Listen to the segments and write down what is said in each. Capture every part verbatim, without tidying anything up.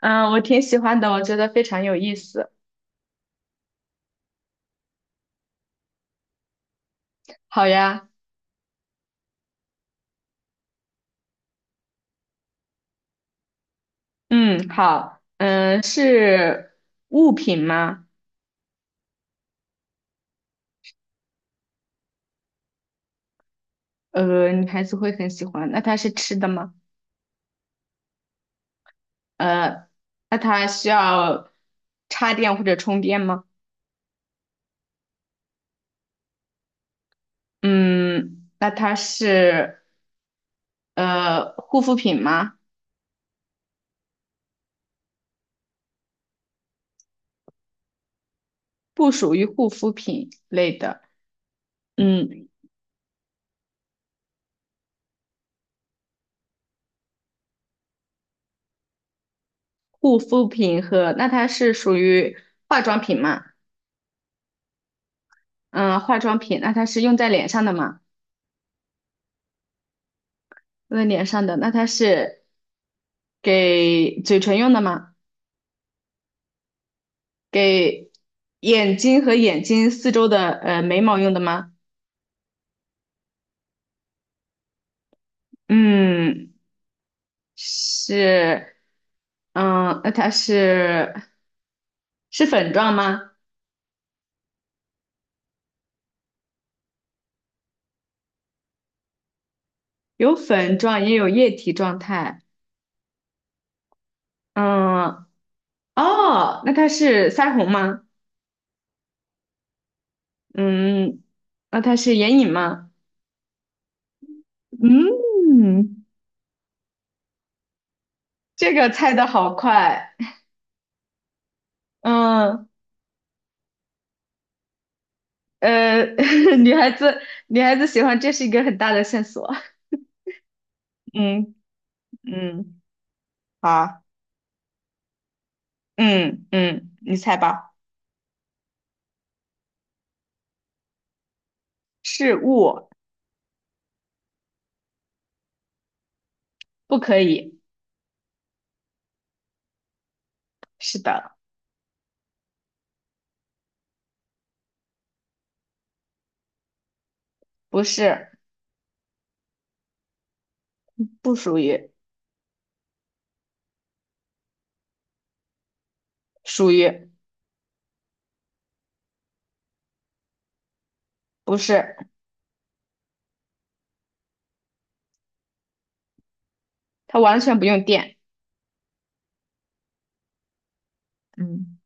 嗯，我挺喜欢的，我觉得非常有意思。好呀。嗯，好。嗯，是物品吗？呃，女孩子会很喜欢。那它是吃的吗？呃，那它需要插电或者充电吗？嗯，那它是呃护肤品吗？不属于护肤品类的。嗯，护肤品和那它是属于化妆品吗？嗯，化妆品，那它是用在脸上的吗？用在脸上的，那它是给嘴唇用的吗？给眼睛和眼睛四周的呃眉毛用的吗？嗯，是。嗯，那它是是粉状吗？有粉状，也有液体状态。嗯，哦，那它是腮红吗？嗯，那它是眼影吗？嗯，这个猜的好快。嗯，呃，女孩子，女孩子喜欢，这是一个很大的线索。嗯嗯，好。嗯嗯，你猜吧。是物。不可以。是的。不是。不属于。属于。不是。它完全不用电。嗯，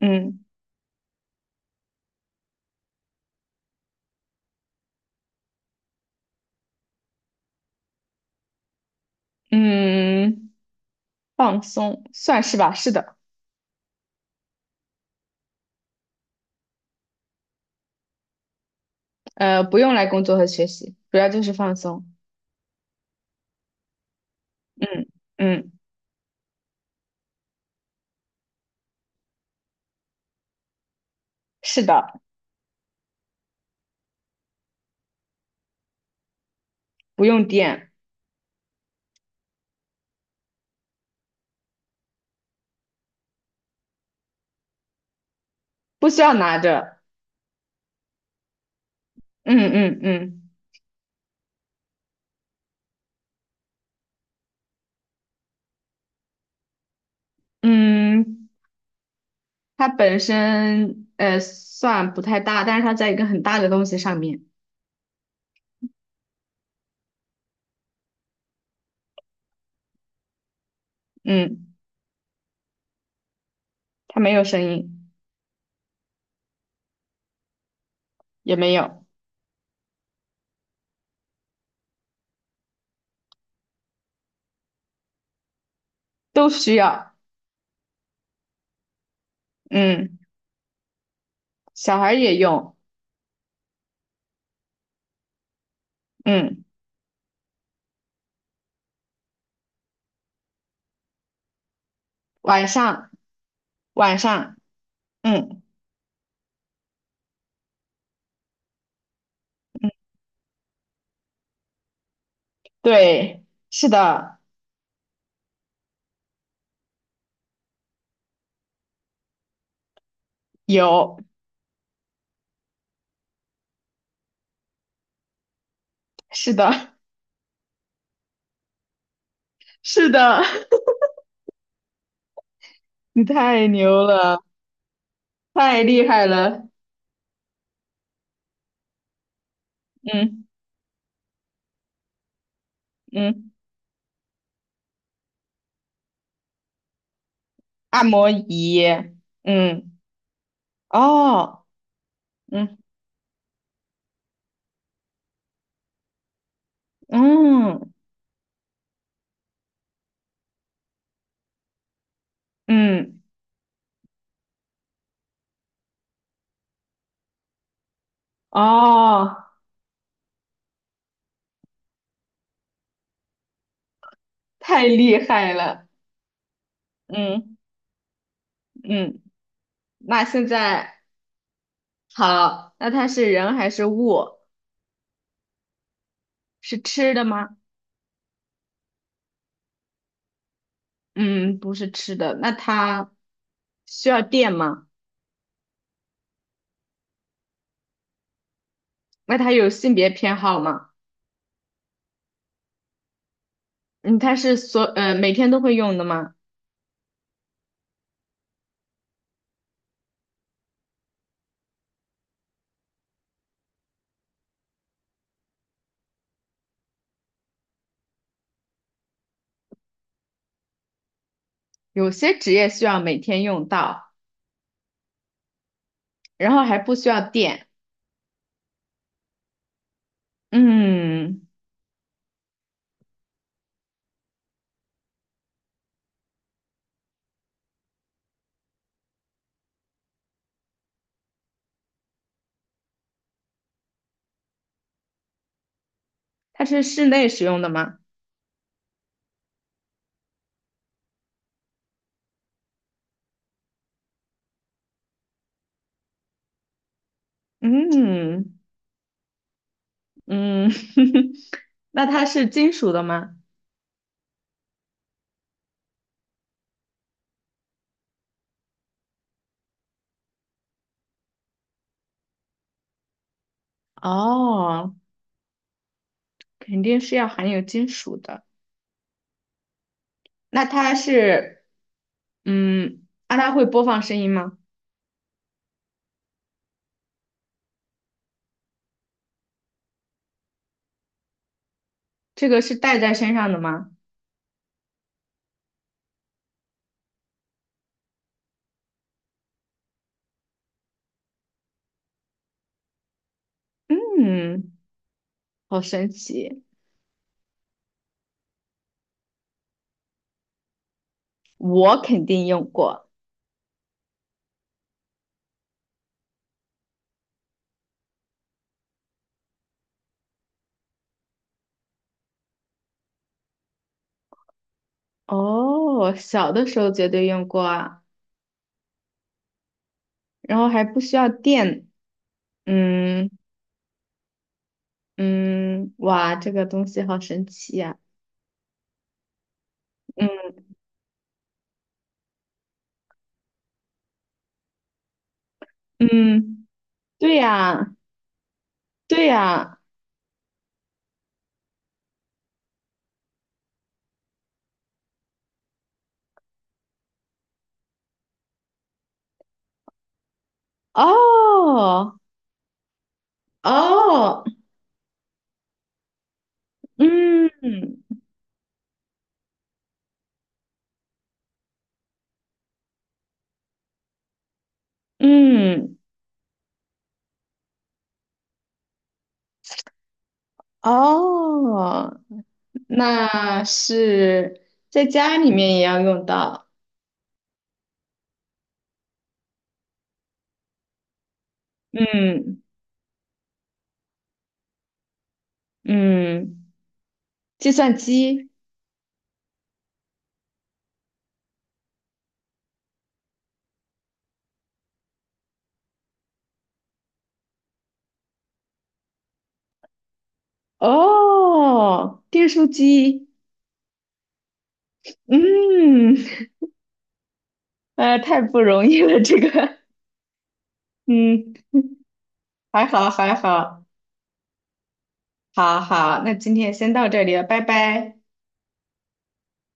嗯嗯，放松，算是吧，是的。呃，不用来工作和学习，主要就是放松。嗯嗯，是的，不用电，不需要拿着。嗯嗯嗯嗯，它本身呃算不太大，但是它在一个很大的东西上面。嗯，它没有声音，也没有。都需要。嗯，小孩儿也用。嗯，晚上晚上。嗯，对，是的，有，是的。是的。你太牛了，太厉害了。嗯嗯，按摩仪。嗯，哦，嗯嗯嗯。哦。太厉害了。嗯嗯，那现在好，那它是人还是物？是吃的吗？嗯，不是吃的。那它需要电吗？那它有性别偏好吗？嗯，它是所呃每天都会用的吗？有些职业需要每天用到，然后还不需要电。嗯，它是室内使用的吗？嗯嗯，那它是金属的吗？哦，肯定是要含有金属的。那它是，嗯，那它会播放声音吗？这个是戴在身上的吗？嗯，好神奇，我肯定用过。哦，小的时候绝对用过啊，然后还不需要电。嗯嗯，哇，这个东西好神奇呀。嗯嗯，对呀，对呀。哦哦，嗯嗯哦。那是在家里面也要用到。嗯嗯，计算机。哦，订书机。嗯，呃，太不容易了，这个。嗯，还好还好，好好，那今天先到这里了，拜拜。